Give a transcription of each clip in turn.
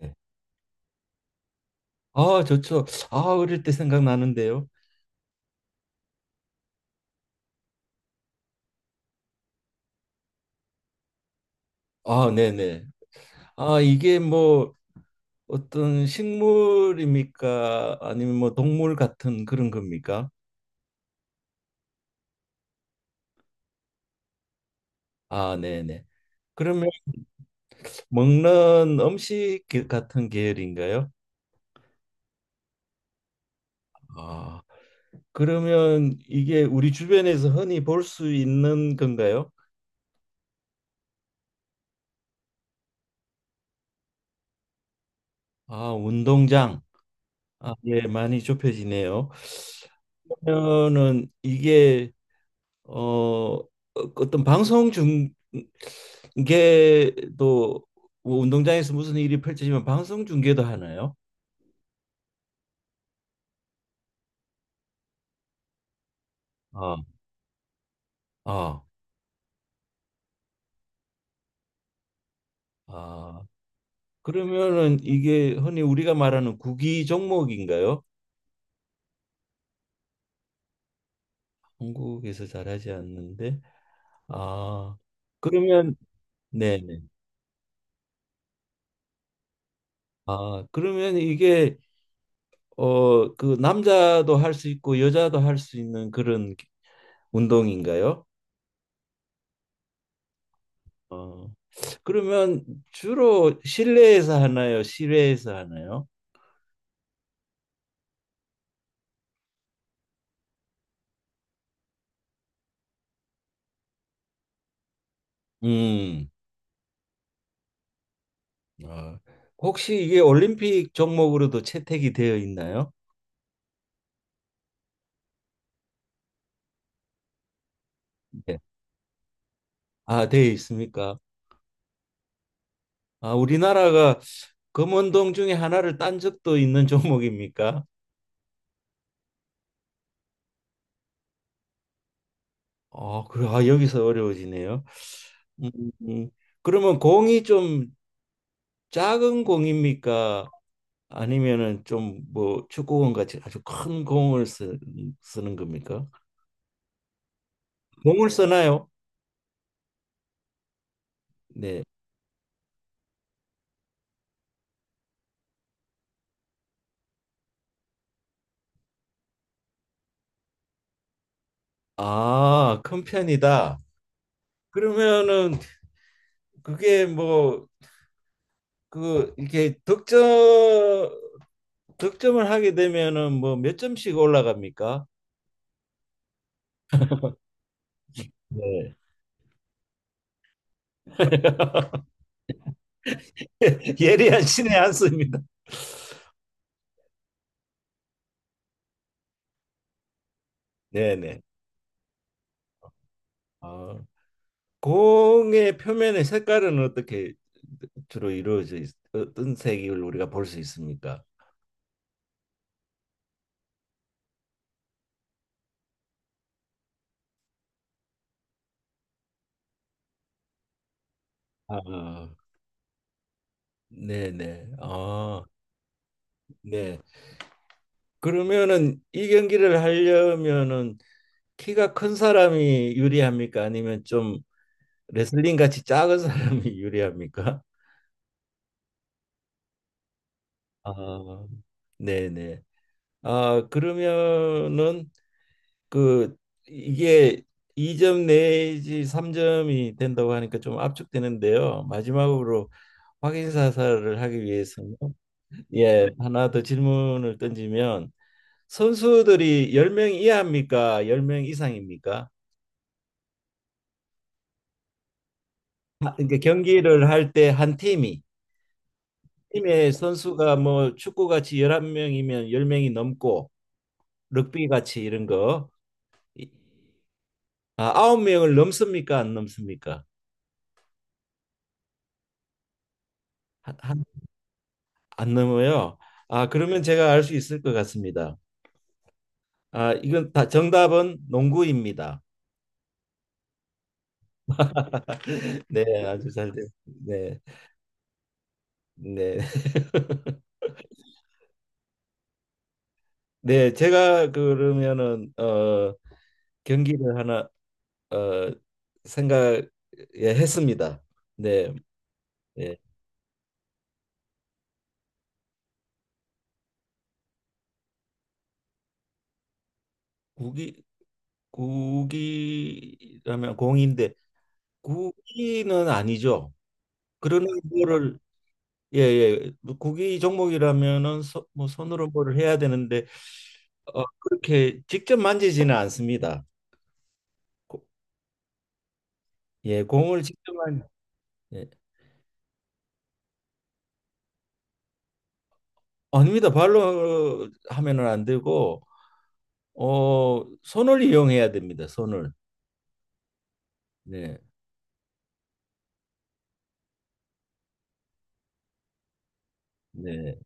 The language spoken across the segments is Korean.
네. 아, 좋죠. 아, 어릴 때 생각나는데요. 아, 네네. 아, 이게 뭐 어떤 식물입니까? 아니면 뭐 동물 같은 그런 겁니까? 아, 네네. 그러면 먹는 음식 같은 계열인가요? 아, 그러면 이게 우리 주변에서 흔히 볼 수 있는 건가요? 아, 운동장. 아, 예, 많이 좁혀지네요. 그러면은 이게 어 어떤 방송 중계도 뭐 운동장에서 무슨 일이 펼쳐지면 방송 중계도 하나요? 아, 아, 아. 그러면은 이게 흔히 우리가 말하는 구기 종목인가요? 한국에서 잘하지 않는데. 아, 그러면 네네. 아, 그러면 이게 그 남자도 할 수 있고 여자도 할 수 있는 그런 운동인가요? 어. 그러면 주로 실내에서 하나요? 실외에서 하나요? 음. 아, 혹시 이게 올림픽 종목으로도 채택이 되어 있나요? 네. 아, 되어 있습니까? 아, 우리나라가 금운동 중에 하나를 딴 적도 있는 종목입니까? 아, 그래. 아, 여기서 어려워지네요. 음, 음. 그러면 공이 좀 작은 공입니까? 아니면은 좀 뭐 축구공 같이 아주 큰 공을 쓰는 겁니까? 공을 쓰나요? 네. 아, 큰 편이다. 그러면은 그게 뭐 그 이렇게 득점을 하게 되면은 뭐 몇 점씩 올라갑니까? 네. 예리한 신의 한 수입니다. 네네. 아, 공의 표면의 색깔은 어떻게 주로 이루어져 어떤 색을 우리가 볼 수 있습니까? 아, 네네. 아, 네. 그러면은 이 경기를 하려면은 키가 큰 사람이 유리합니까? 아니면 좀 레슬링 같이 작은 사람이 유리합니까? 아, 네네. 아, 그러면은 그 이게 2점 내지 3점이 된다고 하니까 좀 압축되는데요. 마지막으로 확인 사살을 하기 위해서는 예, 하나 더 질문을 던지면 선수들이 10명 이하입니까? 10명 이상입니까? 아, 그러니까 경기를 할 때 한 팀이 팀의 선수가 뭐 축구같이 11명이면 10명이 넘고 럭비같이 이런 거 이- 아, 9명을 넘습니까? 안 넘습니까? 한, 한, 안 넘어요. 아, 그러면 제가 알 수 있을 것 같습니다. 아, 이건 다 정답은 농구입니다. 네, 아주 잘 됐. 네. 네. 네, 제가 그러면은 어 경기를 하나 어 생각 예, 했습니다. 네. 예. 국이 국이라면 공인데 국기는 아니죠. 그러나 뭐를 예예 국이 종목이라면은 서, 뭐 손으로 뭐를 해야 되는데 어, 그렇게 직접 만지지는 않습니다. 고- 예 공을 직접 만 예. 아닙니다. 발로 하면은 안 되고 어 손을 이용해야 됩니다. 손을 네 네.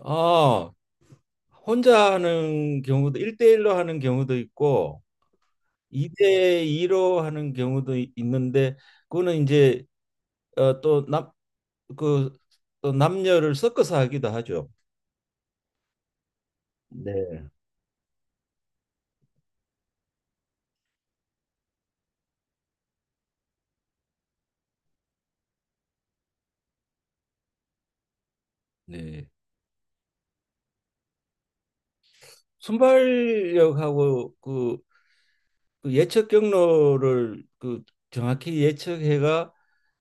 아 혼자 하는 경우도 일대일로 하는 경우도 있고 2대 2로 하는 경우도 있는데 그거는 이제 어, 그, 또 남녀를 섞어서 하기도 하죠. 네. 네. 순발력하고 그, 그 예측 경로를 그 정확히 예측해가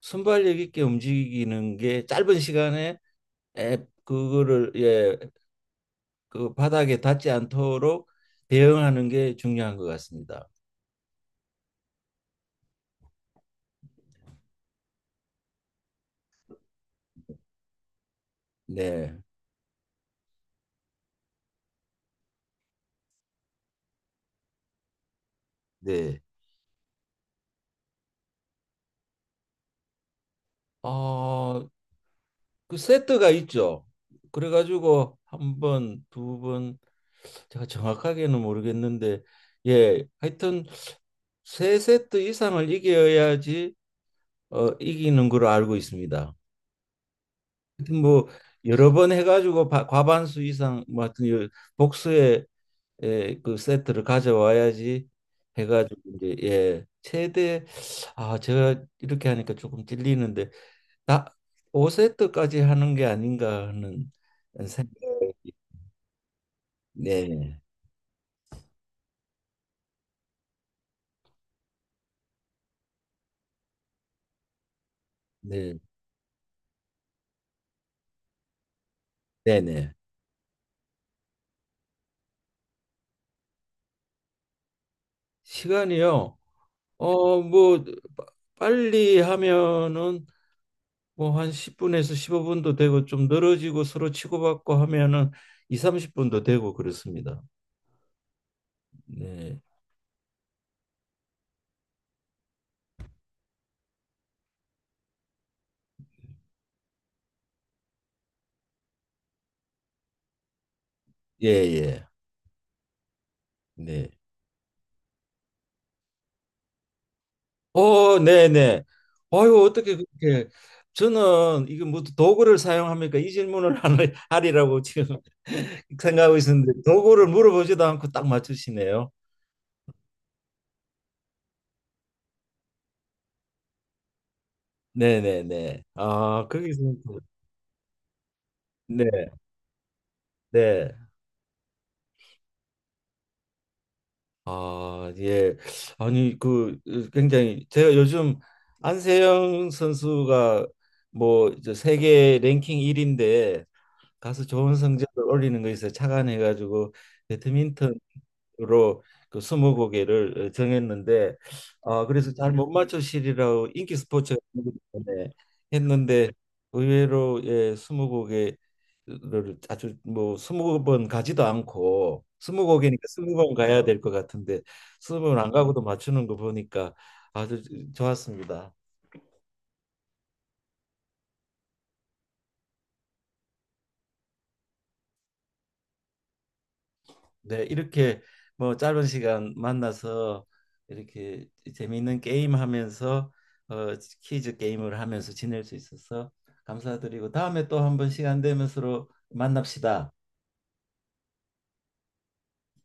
순발력 있게 움직이는 게 짧은 시간에 에, 그거를 예, 그 바닥에 닿지 않도록 대응하는 게 중요한 것 같습니다. 네. 네. 어, 그 세트가 있죠. 그래가지고 한 번, 두 번, 제가 정확하게는 모르겠는데, 예, 하여튼 세 세트 이상을 이겨야지 어, 이기는 걸로 알고 있습니다. 하여튼 뭐 여러 번 해가지고 바- 과반수 이상, 뭐 하여튼 복수의 예, 그 세트를 가져와야지 해가지고 이제 예, 최대 아 제가 이렇게 하니까 조금 찔리는데 다 5세트까지 하는 게 아닌가 하는 생각. 네, 네, 네, 네. 시간이요. 어, 뭐 빠- 빨리 하면은 뭐 한 10분에서 15분도 되고 좀 늘어지고 서로 치고받고 하면은 2, 30분도 되고 그렇습니다. 네. 예, 예. 네. 어, 네, 네. 아유, 어떻게 그렇게 저는 이거 뭐 도구를 사용합니까? 이 질문을 하리라고 지금 생각하고 있었는데 도구를 물어보지도 않고 딱 맞추시네요. 네네네. 아, 거기서 네, 네. 아, 예. 아니, 그 어, 굉장히 제가 요즘 안세영 선수가 뭐 이제 세계 랭킹 1인데 가서 좋은 성적을 올리는 거에 있어 착안해 가지고 배드민턴 로 그 스무고개를 어, 정했는데 아 그래서 잘 못 맞추시리라고 인기 스포츠 했는데 의외로 예 스무고개를 아주 뭐 스무 번 가지도 않고 스무고개니까 스무 번 가야 될 것 같은데 스무 번 안 가고도 맞추는 거 보니까 아주 좋았습니다. 네, 이렇게 뭐 짧은 시간 만나서 이렇게 재미있는 게임 하면서 어, 퀴즈 게임을 하면서 지낼 수 있어서 감사드리고 다음에 또 한 번 시간 되면 서로 만납시다.